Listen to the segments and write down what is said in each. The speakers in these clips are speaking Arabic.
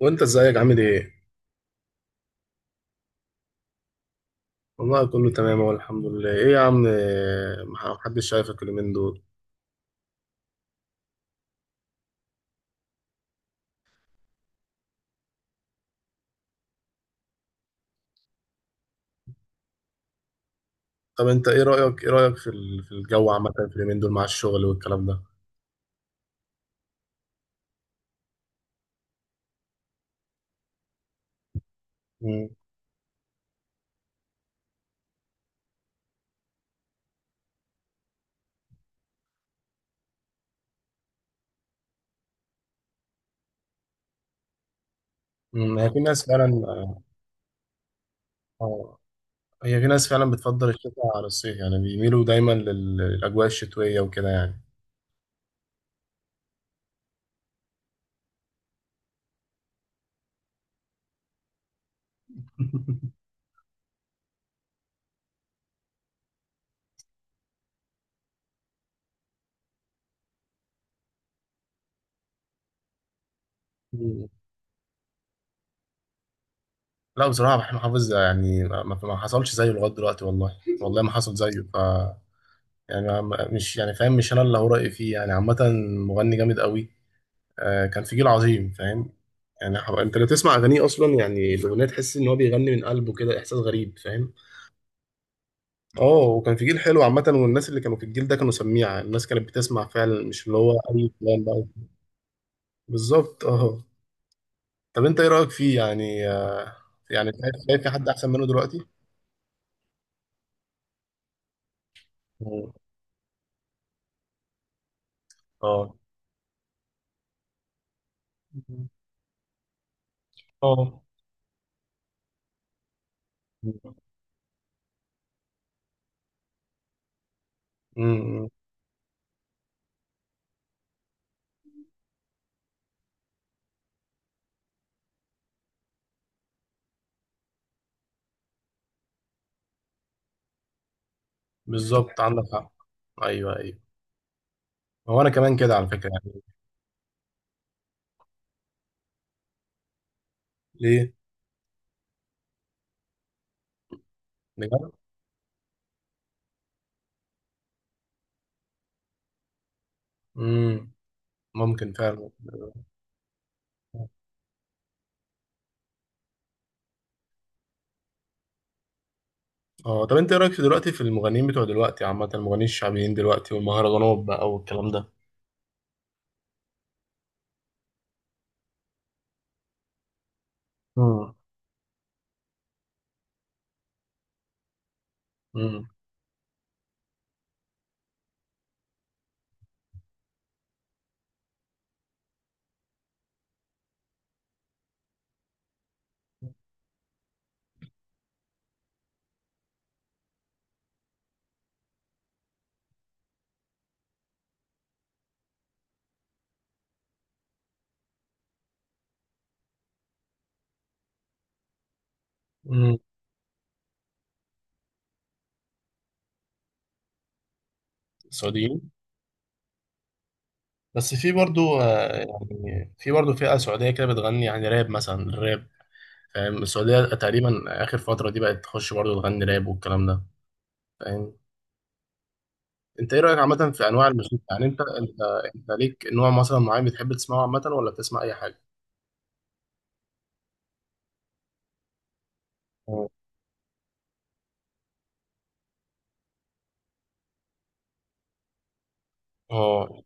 وانت ازيك عامل ايه؟ والله كله تمام اهو الحمد لله. ايه يا عم، ما حدش شايفك اليومين دول. طب انت ايه رأيك في في الجو عامة في اليومين دول مع الشغل والكلام ده؟ مم. مم. هي في ناس فعلا اه. آه، هي في ناس فعلا بتفضل الشتاء على الصيف، يعني بيميلوا دايما للأجواء الشتوية وكده يعني. مم. لا بصراحة محمود حافظ، يعني ما حصلش زيه لغاية دلوقتي، والله ما حصل زيه. ف يعني مش يعني فاهم، مش انا اللي هو رأيي فيه يعني، عامة مغني جامد قوي. آه، كان في جيل عظيم فاهم. يعني انت لو تسمع اغانيه اصلا، يعني الاغنيه تحس ان هو بيغني من قلبه كده، احساس غريب فاهم. اه، وكان في جيل حلو عامه، والناس اللي كانوا في الجيل ده كانوا سميعه، الناس كانت بتسمع فعلا، مش اللي هو اي كلام بقى. بالظبط اه. طب انت ايه رايك فيه يعني؟ آه، يعني شايف، شايف في حد احسن منه دلوقتي؟ مم. اه. اه. امم. بالظبط عندك حق. ايوه ايوه، هو انا كمان كده على فكره يعني. ليه؟ بجد. امم. ممكن فعلا. اه، طب انت ايه رايك في دلوقتي في المغنيين بتوع دلوقتي عامه، المغنيين الشعبيين دلوقتي والمهرجانات بقى والكلام ده. امم. امم. امم. سعوديين. بس في برضو آه، يعني في برضو فئه سعوديه كده بتغني يعني راب، مثلا الراب فاهم، السعوديه تقريبا اخر فتره دي بقت تخش برضو تغني راب والكلام ده فاهم. انت ايه رايك عامه في انواع الموسيقى؟ يعني انت انت ليك نوع مثلا معين بتحب تسمعه عامه، ولا بتسمع اي حاجه؟ اه اه.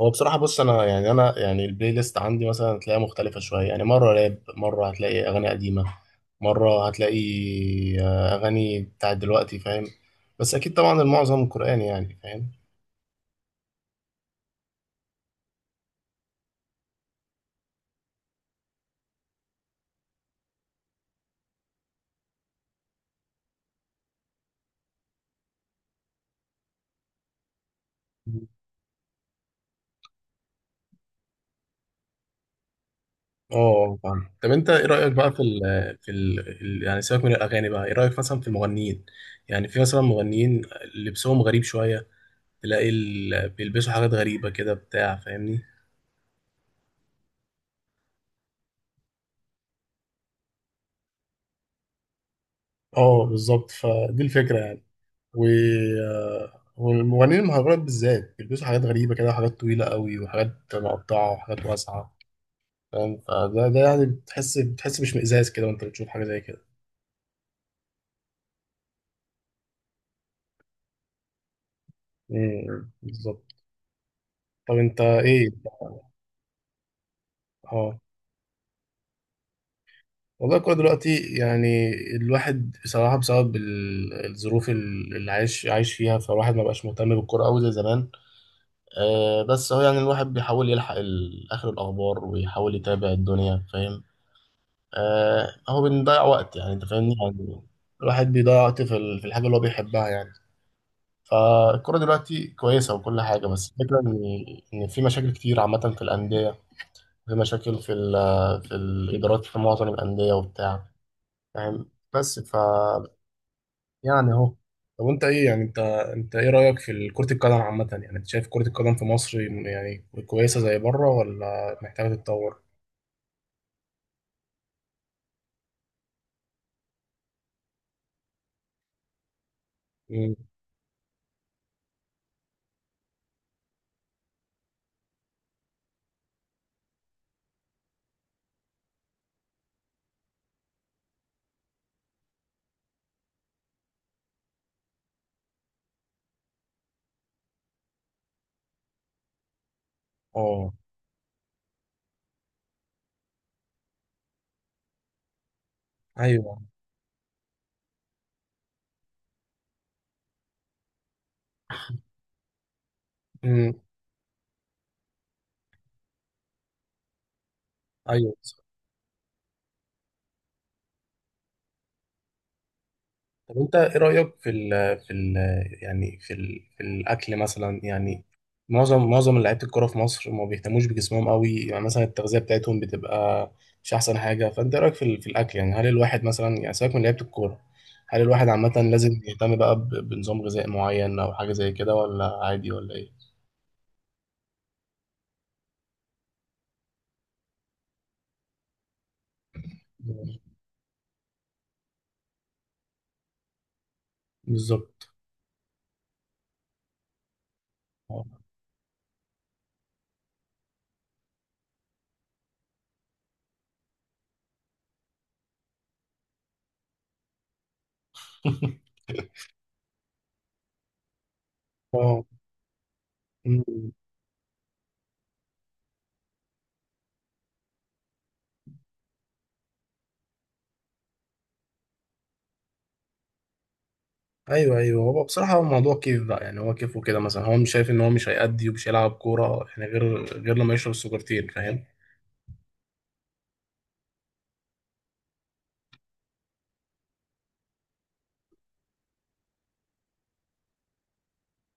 هو بصراحة بص، أنا يعني، أنا يعني البلاي ليست عندي مثلا هتلاقيها مختلفة شوية، يعني مرة راب، مرة هتلاقي أغاني قديمة، مرة هتلاقي آه، أغاني بتاعت دلوقتي فاهم. بس أكيد طبعا المعظم قرآني يعني فاهم. اه فاهم. طب أنت إيه رأيك بقى في ال في يعني سيبك من الأغاني بقى، إيه رأيك مثلا في المغنيين؟ يعني في مثلا مغنيين لبسهم غريب شوية، تلاقي بيلبسوا حاجات غريبة كده بتاع فاهمني. اه، بالظبط، فدي الفكرة يعني. و آه، والمغنيين المهرجانات بالذات بيلبسوا حاجات غريبة كده، وحاجات طويلة قوي، وحاجات مقطعة، وحاجات واسعة فاهم. فده يعني بتحس باشمئزاز كده وانت بتشوف حاجة زي كده. امم، بالظبط. طب انت ايه. اه، والله الكورة دلوقتي يعني الواحد بصراحة بسبب الظروف اللي عايش فيها، فالواحد ما بقاش مهتم بالكورة أوي زي زمان. آه، بس هو يعني الواحد بيحاول يلحق آخر الأخبار ويحاول يتابع الدنيا فاهم. آه، هو بنضيع وقت يعني انت فاهمني يعني الواحد بيضيع وقت في في الحاجه اللي هو بيحبها يعني. فالكرة دلوقتي كويسة وكل حاجة، بس الفكرة إن، إن في مشاكل كتير عامة في الأندية، في مشاكل في ال في الإدارات في معظم الأندية وبتاع فاهم، بس ف يعني أهو. طب أنت إيه يعني أنت إيه رأيك في كرة القدم عامة؟ يعني أنت شايف كرة القدم في مصر يعني كويسة زي بره ولا محتاجة تتطور؟ امم. أه. أيوه. امم. أيوه. طب انت ايه رأيك في ال في ال يعني في ال في الاكل مثلا يعني. معظم لعيبه الكوره في مصر ما بيهتموش بجسمهم قوي، يعني مثلا التغذيه بتاعتهم بتبقى مش احسن حاجه، فانت ايه رايك في في الاكل؟ يعني هل الواحد مثلا، يعني سيبك من لعيبه الكوره، هل الواحد عامه لازم يهتم بقى بنظام غذائي معين او حاجه زي كده، ولا عادي ولا ايه؟ بالظبط اه. اه. ايوه ايوه. هو بصراحه هو الموضوع كيف بقى يعني، هو كيف وكده، مثلا هو مش شايف ان هو مش هيأدي ومش هيلعب كوره يعني، غير لما يشرب السكرتين فاهم.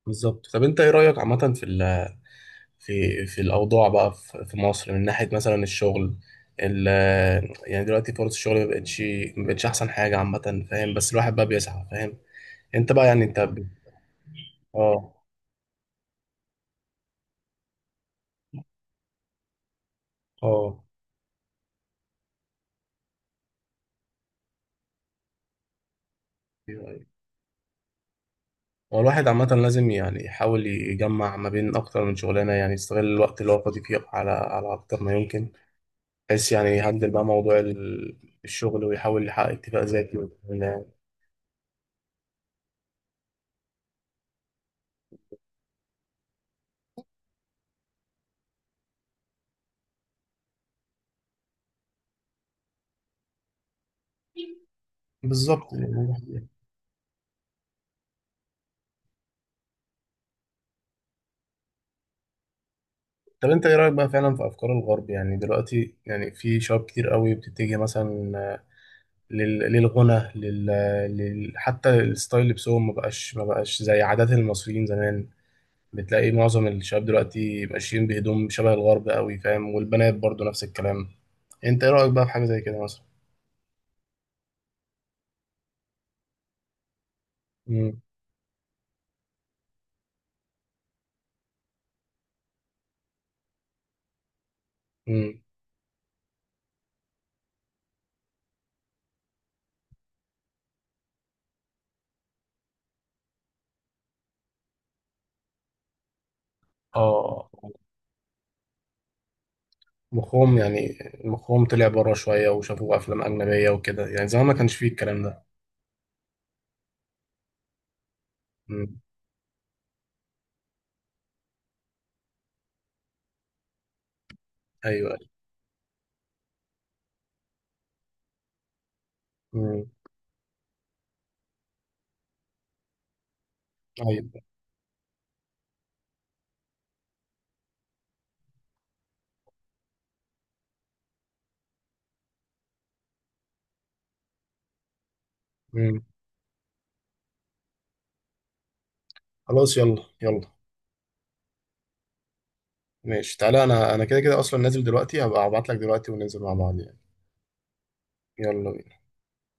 بالظبط. طب انت ايه رايك عامه في ال في في الاوضاع بقى في في مصر من ناحيه مثلا الشغل. ال، يعني دلوقتي فرص الشغل ما بقتش، احسن حاجه عامه فاهم، بس الواحد بقى بيسعى فاهم، انت بقى يعني انت ب-. اه اه. ايوه ايوه. هو الواحد عامة لازم يعني يحاول يجمع ما بين أكتر من شغلانة، يعني يستغل الوقت اللي هو فاضي فيه على على أكتر ما يمكن، بحيث يعني يهندل بقى موضوع الشغل، ويحاول يحقق اتفاق ذاتي وال-. بالظبط يعني. طب انت ايه رايك بقى فعلا في افكار الغرب؟ يعني دلوقتي يعني في شباب كتير قوي بتتجه مثلا للغنى حتى الستايل لبسهم ما بقاش زي عادات المصريين زمان. بتلاقي معظم الشباب دلوقتي ماشيين بهدوم شبه الغرب قوي فاهم، والبنات برضو نفس الكلام. انت ايه رايك بقى في حاجه زي كده مثلا؟ امم. امم. اه. مخهم يعني، مخهم طلع بره شوية وشافوا أفلام أجنبية وكده يعني، زمان ما كانش فيه الكلام ده. مم. أيوه أيوه. مم. أيوه. مم. خلاص، يلا يلا، ماشي، تعالى، أنا كده كده أصلا نازل دلوقتي، هبقى أبعت لك دلوقتي وننزل مع بعض يعني. يلا بينا.